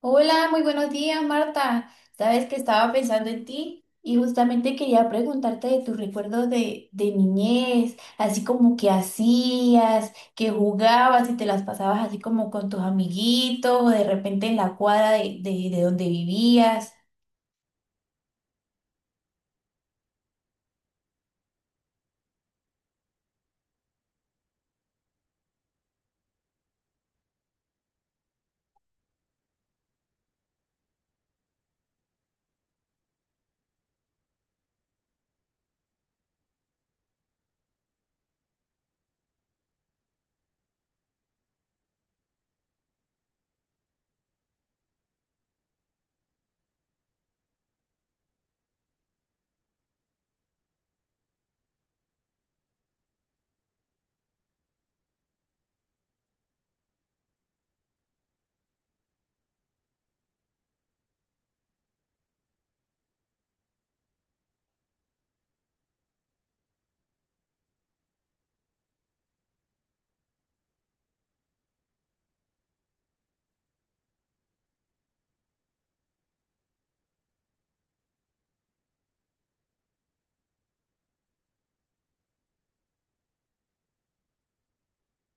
Hola, muy buenos días, Marta. Sabes que estaba pensando en ti y justamente quería preguntarte de tus recuerdos de niñez, así como qué hacías, qué jugabas y te las pasabas así como con tus amiguitos o de repente en la cuadra de donde vivías.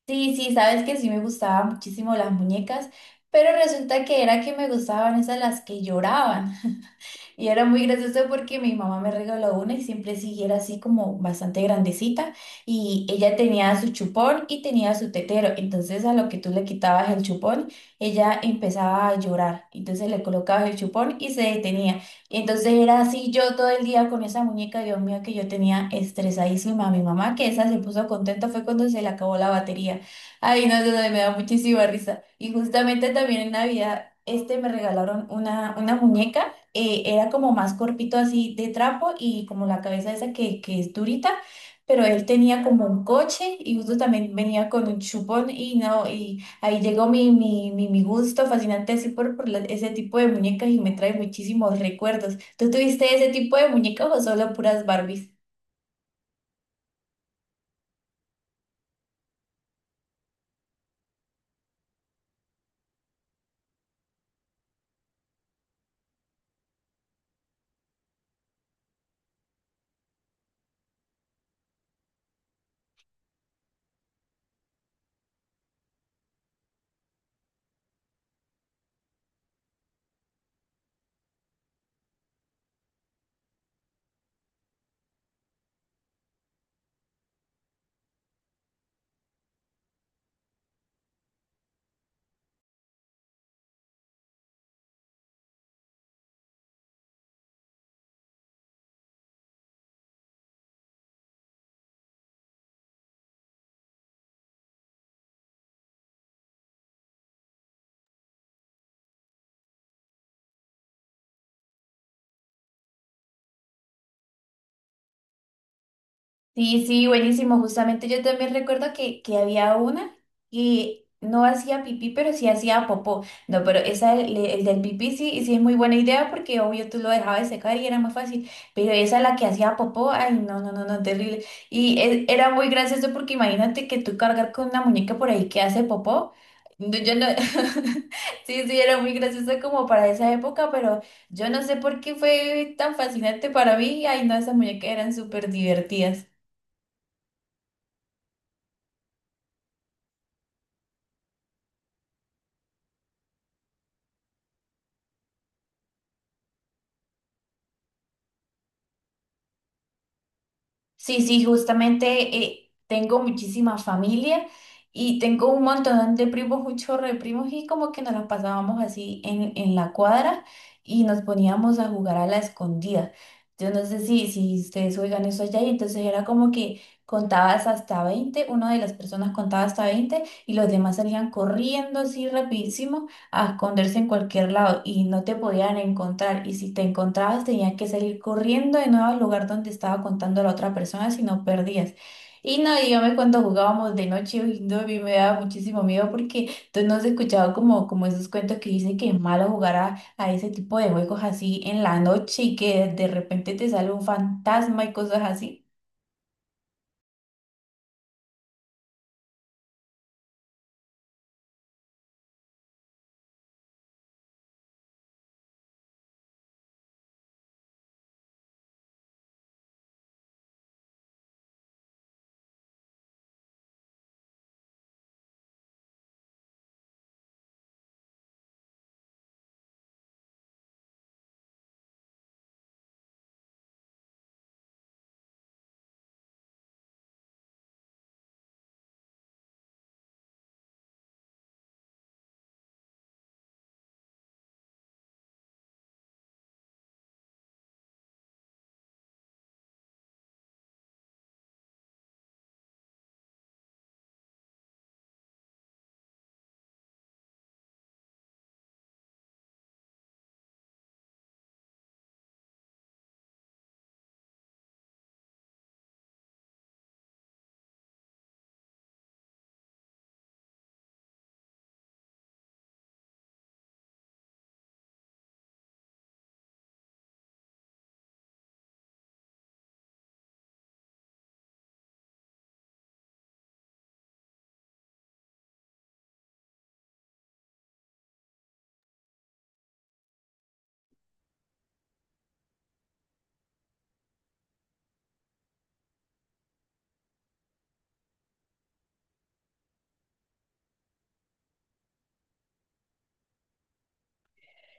Sí, sí, sabes que sí me gustaban muchísimo las muñecas, pero resulta que era que me gustaban esas las que lloraban. Y era muy gracioso porque mi mamá me regaló una y siempre sí era así como bastante grandecita y ella tenía su chupón y tenía su tetero. Entonces a lo que tú le quitabas el chupón, ella empezaba a llorar. Entonces le colocabas el chupón y se detenía. Entonces era así yo todo el día con esa muñeca, Dios mío, que yo tenía estresadísima a mi mamá, que esa se puso contenta fue cuando se le acabó la batería. Ay, no, eso me da muchísima risa. Y justamente también en Navidad, este me regalaron una muñeca era como más corpito así de trapo y como la cabeza esa que es durita, pero él tenía como un coche y justo también venía con un chupón y no, y ahí llegó mi gusto fascinante así por ese tipo de muñecas y me trae muchísimos recuerdos. ¿Tú tuviste ese tipo de muñecas o solo puras Barbies? Sí, sí, buenísimo. Justamente yo también recuerdo que había una que no hacía pipí, pero sí hacía popó. No, pero esa, el del pipí sí, sí es muy buena idea porque obvio tú lo dejabas de secar y era más fácil. Pero esa, la que hacía popó, ay, no, no, no, no, terrible. Y era muy gracioso porque imagínate que tú cargar con una muñeca por ahí que hace popó. No, yo no, sí, sí, era muy gracioso como para esa época, pero yo no sé por qué fue tan fascinante para mí. Ay, no, esas muñecas eran súper divertidas. Sí, sí, justamente tengo muchísima familia y tengo un montón de primos, un chorro de primos y como que nos las pasábamos así en la cuadra y nos poníamos a jugar a la escondida. Yo no sé si ustedes oigan eso allá y entonces era como que contabas hasta 20 una de las personas contaba hasta 20 y los demás salían corriendo así rapidísimo a esconderse en cualquier lado y no te podían encontrar. Y si te encontrabas, tenías que salir corriendo de nuevo al lugar donde estaba contando la otra persona, si no perdías. Y no, dígame cuando jugábamos de noche, uy, no, a mí me daba muchísimo miedo porque entonces no se escuchaba como, como esos cuentos que dicen que es malo jugar a ese tipo de juegos así en la noche y que de repente te sale un fantasma y cosas así.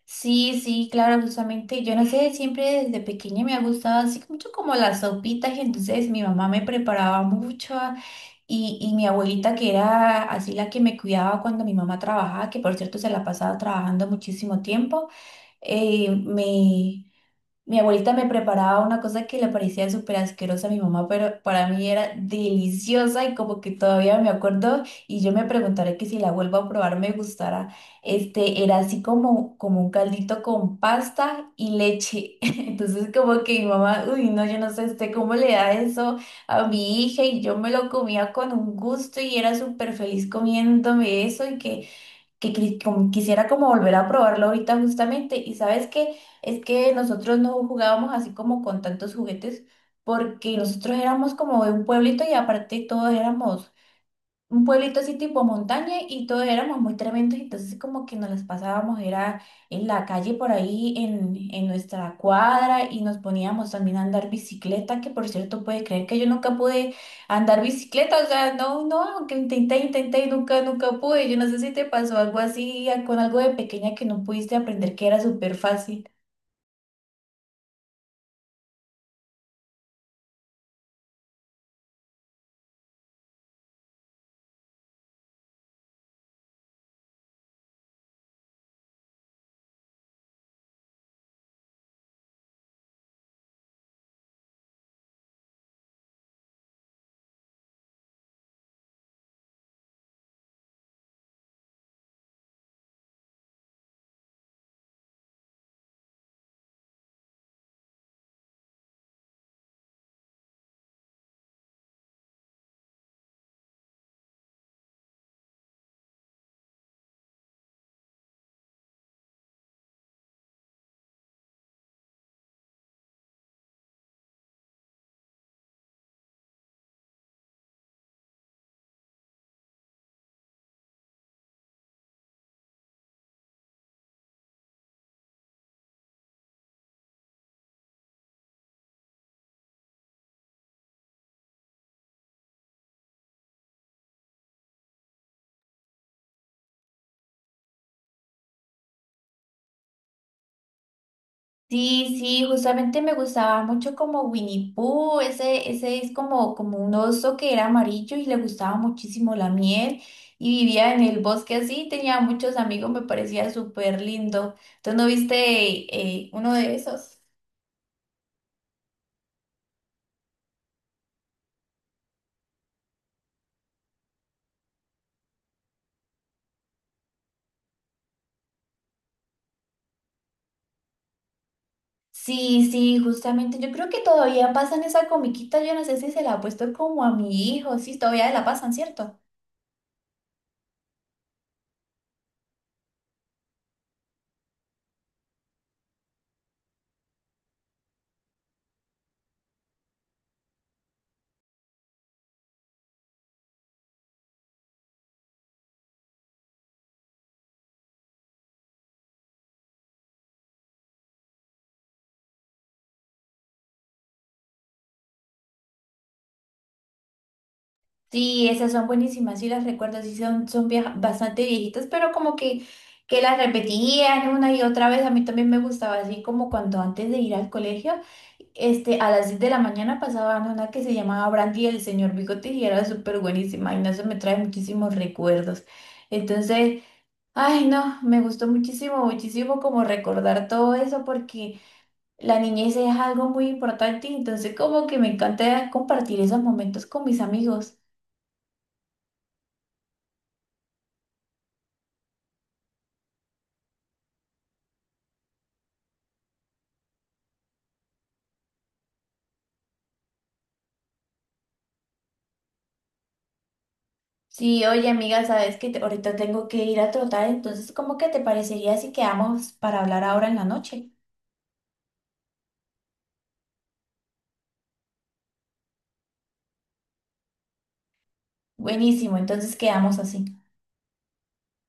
Sí, sí, claro, justamente. Yo no sé, siempre desde pequeña me ha gustado así mucho como las sopitas y entonces mi mamá me preparaba mucho y mi abuelita que era así la que me cuidaba cuando mi mamá trabajaba, que por cierto se la pasaba trabajando muchísimo tiempo, eh, me, mi abuelita me preparaba una cosa que le parecía súper asquerosa a mi mamá, pero para mí era deliciosa y como que todavía me acuerdo y yo me preguntaré que si la vuelvo a probar me gustará. Este, era así como, como un caldito con pasta y leche. Entonces como que mi mamá, uy, no, yo no sé este, cómo le da eso a mi hija y yo me lo comía con un gusto y era súper feliz comiéndome eso y como quisiera como volver a probarlo ahorita justamente. Y sabes que es que nosotros no jugábamos así como con tantos juguetes porque nosotros éramos como de un pueblito y aparte todos éramos un pueblito así tipo montaña y todos éramos muy tremendos, entonces como que nos las pasábamos, era en la calle por ahí, en nuestra cuadra y nos poníamos también a andar bicicleta, que por cierto puede creer que yo nunca pude andar bicicleta, o sea, no, no, aunque intenté, intenté y nunca, nunca pude, yo no sé si te pasó algo así con algo de pequeña que no pudiste aprender que era súper fácil. Sí, sí, justamente me gustaba mucho como Winnie Pooh, ese es como, como un oso que era amarillo y le gustaba muchísimo la miel y vivía en el bosque así, tenía muchos amigos, me parecía súper lindo. ¿Tú no viste uno de esos? Sí, sí, justamente, yo creo que todavía pasan esa comiquita, yo no sé si se la ha puesto como a mi hijo, sí, todavía la pasan, ¿cierto? Sí, esas son buenísimas, sí las recuerdo, sí son, bastante viejitas, pero como que las repetían una y otra vez, a mí también me gustaba, así como cuando antes de ir al colegio, a las 10 de la mañana pasaban una que se llamaba Brandy y el señor Bigote y era súper buenísima, y no se me trae muchísimos recuerdos. Entonces, ay no, me gustó muchísimo, muchísimo como recordar todo eso porque la niñez es algo muy importante, y entonces como que me encanta compartir esos momentos con mis amigos. Sí, oye amiga, sabes que ahorita tengo que ir a trotar, entonces ¿cómo que te parecería si quedamos para hablar ahora en la noche? Buenísimo, entonces quedamos así.